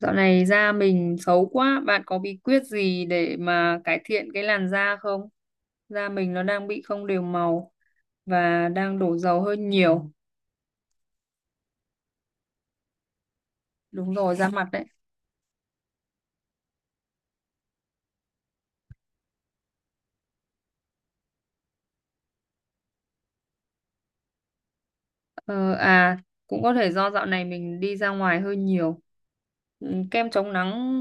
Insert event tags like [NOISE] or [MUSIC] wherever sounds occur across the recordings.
Dạo này da mình xấu quá, bạn có bí quyết gì để mà cải thiện cái làn da không? Da mình nó đang bị không đều màu và đang đổ dầu hơi nhiều. Đúng rồi, da mặt đấy. Ờ, à, Cũng có thể do dạo này mình đi ra ngoài hơi nhiều. Ừ, kem chống nắng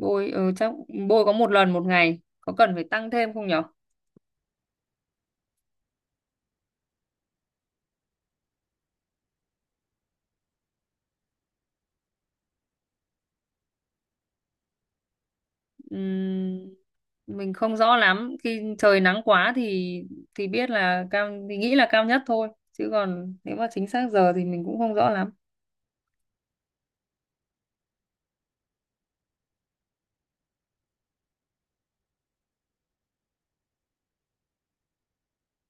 chắc bôi có một lần một ngày, có cần phải tăng thêm không nhỉ? Ừm, mình không rõ lắm khi trời nắng quá thì biết là cao thì nghĩ là cao nhất thôi chứ còn nếu mà chính xác giờ thì mình cũng không rõ lắm.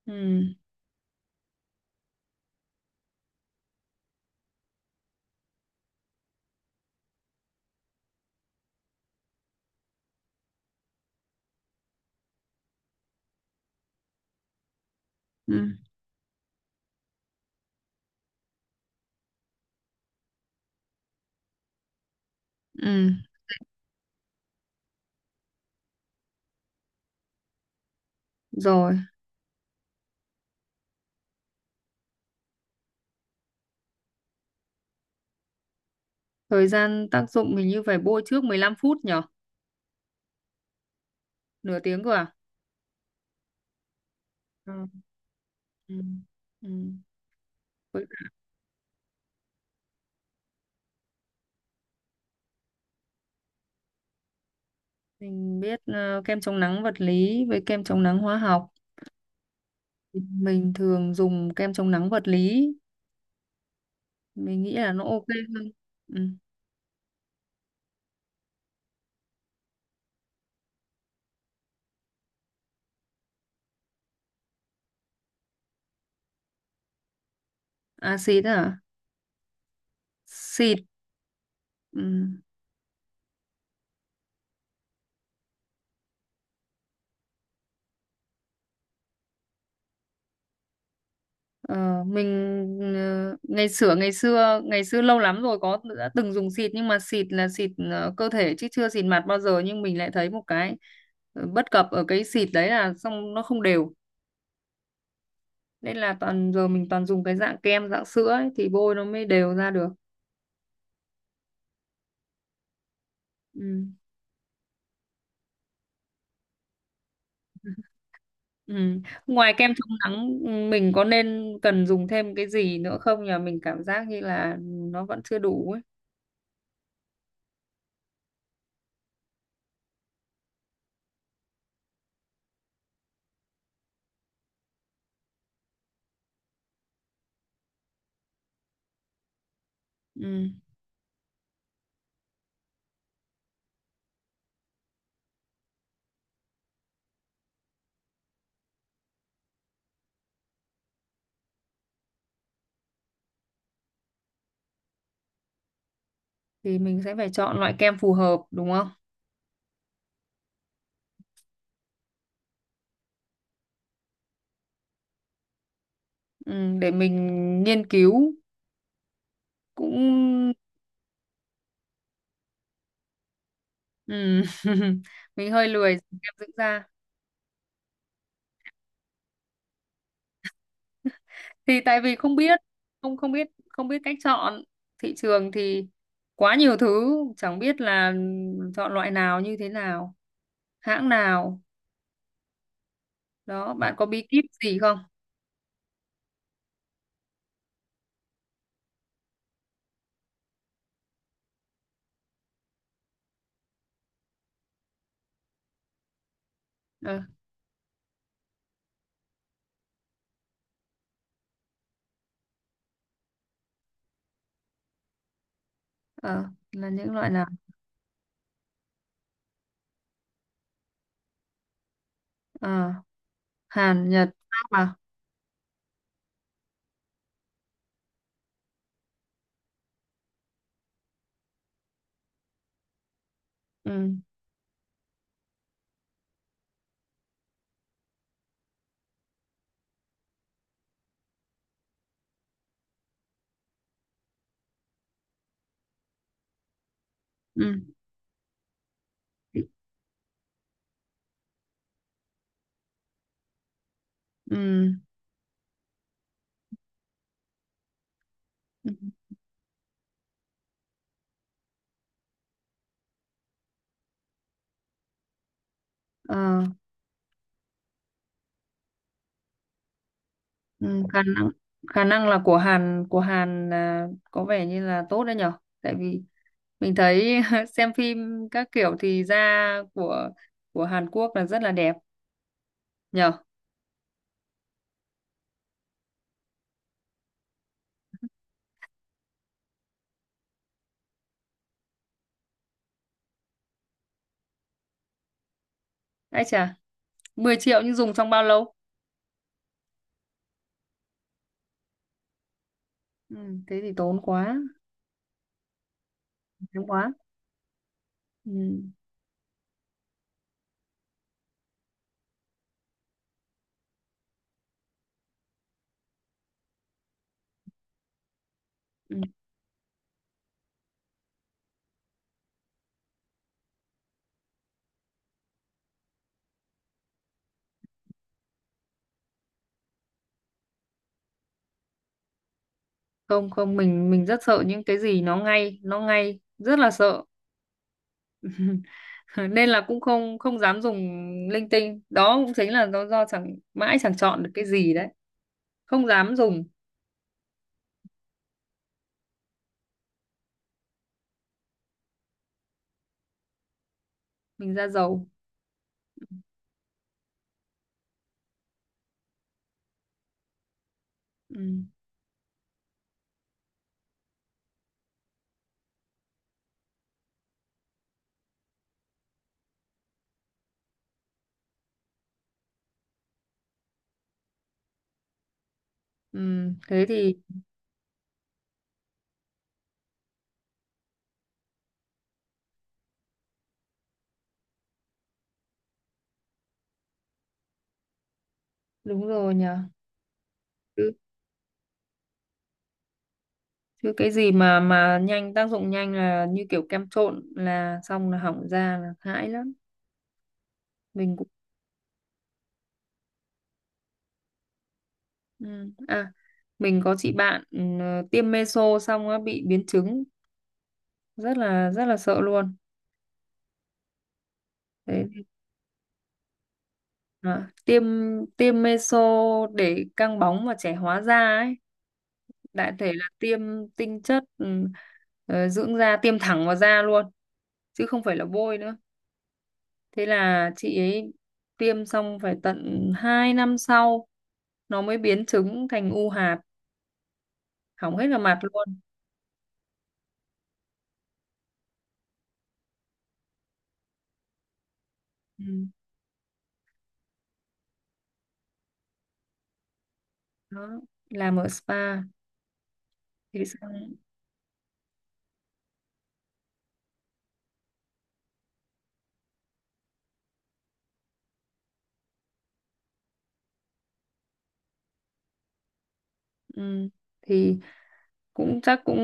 Ừm, ừm, ừm, rồi thời gian tác dụng mình như phải bôi trước 15 phút nhở? Nửa tiếng cơ à? Ừ. Ừm. Ừm. Với cả mình biết kem chống nắng vật lý với kem chống nắng hóa học. Mình thường dùng kem chống nắng vật lý, mình nghĩ là nó ok hơn. Ừm. À, xịt à? Xịt. Ừ. Ờ, mình ngày xưa ngày xưa ngày xưa lâu lắm rồi có đã từng dùng xịt nhưng mà xịt là xịt cơ thể chứ chưa xịt mặt bao giờ, nhưng mình lại thấy một cái bất cập ở cái xịt đấy là xong nó không đều, nên là toàn giờ mình toàn dùng cái dạng kem dạng sữa ấy, thì bôi nó mới đều ra được. Ừ. Ừ. Ngoài kem chống nắng mình có nên cần dùng thêm cái gì nữa không nhờ, mình cảm giác như là nó vẫn chưa đủ ấy. Ừ. Thì mình sẽ phải chọn loại kem phù hợp đúng không? Ừ, để mình nghiên cứu cũng. Ừ. [LAUGHS] Mình hơi lười kem dưỡng da. Thì tại vì không biết cách chọn. Thị trường thì quá nhiều thứ, chẳng biết là chọn loại nào như thế nào, hãng nào. Đó, bạn có bí kíp gì không? ờ ờ, là những loại nào? ờ Hàn, Nhật, Pháp à? Ừ, ừ, ừ, ừ. ờ Ừ, khả năng là của Hàn là có vẻ như là tốt đấy nhở, tại vì mình thấy [LAUGHS] xem phim các kiểu thì da của của Hàn Quốc là rất là đẹp nhở. Ấy chà, 10 triệu nhưng dùng trong bao lâu? Ừ, thế thì tốn quá, tốn quá. Ừ. Ừ. Không, không, mình rất sợ những cái gì nó ngay, nó ngay rất là sợ. [LAUGHS] Nên là cũng không không dám dùng linh tinh. Đó cũng chính là do chẳng mãi chẳng chọn được cái gì đấy, không dám dùng. Mình ra dầu. Ừ. Ừ. Thế thì đúng rồi nhờ. Chứ, chứ cái gì mà nhanh tác dụng nhanh là như kiểu kem trộn là xong là hỏng da là hãi lắm, mình cũng. Ừ. À, mình có chị bạn tiêm meso xong á bị biến chứng, rất là sợ luôn. Đấy. À, tiêm tiêm meso để căng bóng và trẻ hóa da ấy, đại thể là tiêm tinh chất, dưỡng da tiêm thẳng vào da luôn chứ không phải là bôi nữa. Thế là chị ấy tiêm xong phải tận 2 năm sau nó mới biến chứng thành u hạt, hỏng hết cả mặt luôn. Ừ. Đó, làm ở spa thì xong. ừ, thì cũng chắc cũng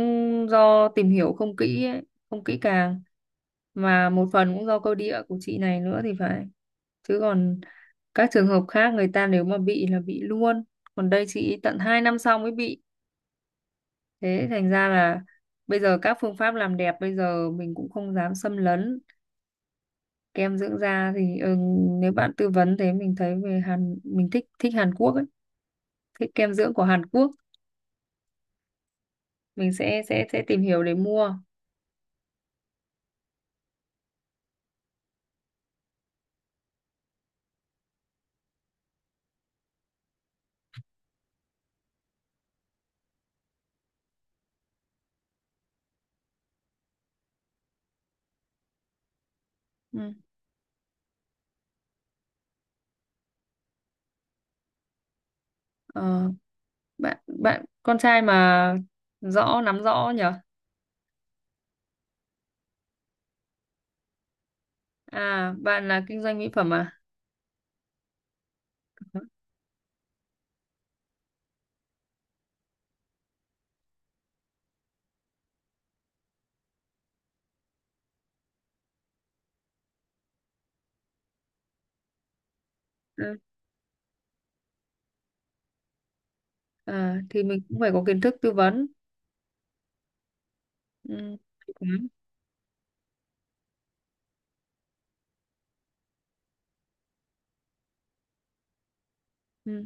do tìm hiểu không kỹ ấy, không kỹ càng mà một phần cũng do cơ địa của chị này nữa thì phải. Chứ còn các trường hợp khác người ta nếu mà bị là bị luôn, còn đây chị tận 2 năm sau mới bị. Thế thành ra là bây giờ các phương pháp làm đẹp bây giờ mình cũng không dám xâm lấn. Kem dưỡng da thì nếu bạn tư vấn thế, mình thấy về Hàn mình thích thích Hàn Quốc ấy, thích kem dưỡng của Hàn Quốc, mình sẽ tìm hiểu để mua. Ừ. Ờ, bạn bạn con trai mà nắm rõ nhở? À, bạn là kinh doanh mỹ phẩm à? Ừ. À, thì mình cũng phải có kiến thức tư vấn. Ừ. Khám. Ừ.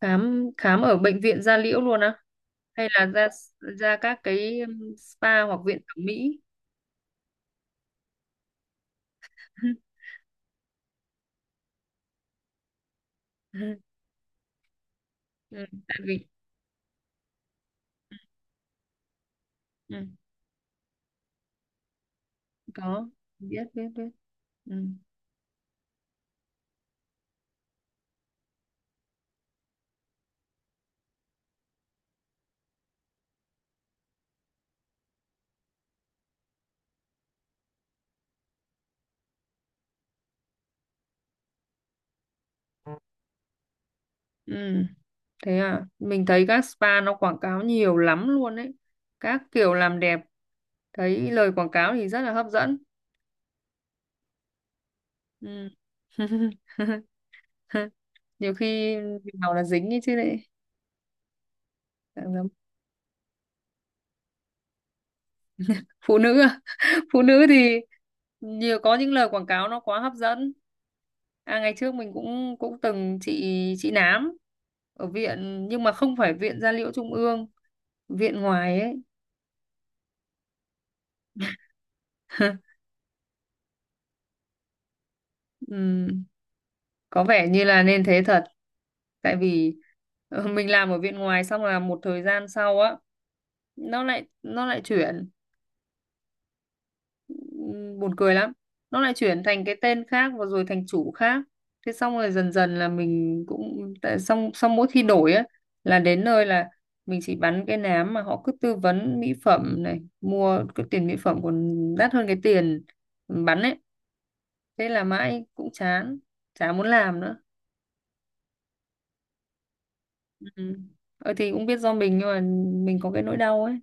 Khám khám ở bệnh viện da liễu luôn á. Hay là ra ra các cái spa hoặc viện thẩm mỹ? [LAUGHS] Ừ, tại vì ừ, có, biết, biết, biết. Ừ. Ừ. Thế à, mình thấy các spa nó quảng cáo nhiều lắm luôn đấy, các kiểu làm đẹp, thấy lời quảng cáo thì rất là hấp dẫn. Ừ. [LAUGHS] Nhiều khi nào là dính ấy chứ lại. Đáng lắm. Phụ nữ à? [LAUGHS] Phụ nữ thì nhiều có những lời quảng cáo nó quá hấp dẫn. À, ngày trước mình cũng cũng từng trị trị nám ở viện nhưng mà không phải viện da liễu trung ương, viện ngoài ấy. [LAUGHS] Ừm. Có vẻ như là nên thế thật, tại vì mình làm ở viện ngoài xong là một thời gian sau á nó lại chuyển. Buồn cười lắm. Nó lại chuyển thành cái tên khác và rồi thành chủ khác. Thế xong rồi, dần dần là mình cũng tại xong xong mỗi khi đổi á là đến nơi là mình chỉ bắn cái nám mà họ cứ tư vấn mỹ phẩm này, mua cái tiền mỹ phẩm còn đắt hơn cái tiền bắn ấy. Thế là mãi cũng chán, chả muốn làm nữa. Ừ. Thì cũng biết do mình nhưng mà mình có cái nỗi đau ấy.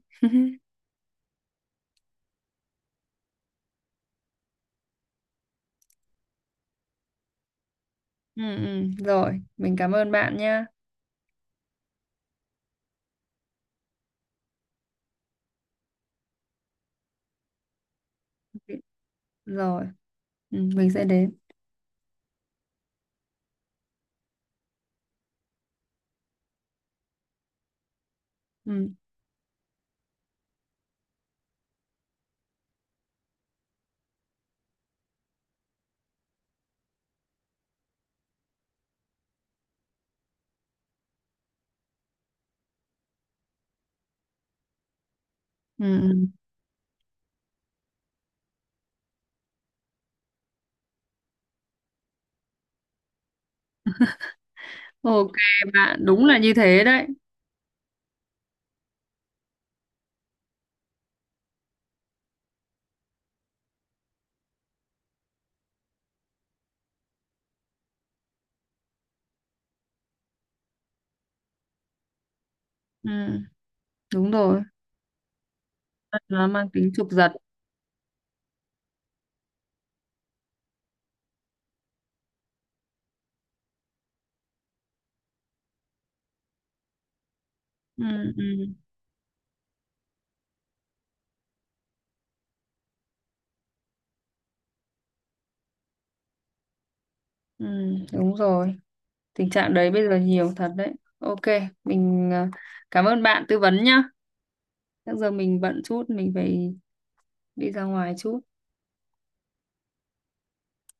Ừ, ừ. Rồi mình cảm ơn bạn nha. Rồi. Ừ, mình sẽ đến. Ừ. Ừ. Ừ. Ok. Bạn đúng là như thế đấy. Ừ, đúng rồi, nó mang tính chụp giật. Ừ, ừ, ừ, đúng rồi. Tình trạng đấy bây giờ nhiều thật đấy. Ok, mình cảm ơn bạn tư vấn nhá, bây giờ mình bận chút, mình phải đi ra ngoài chút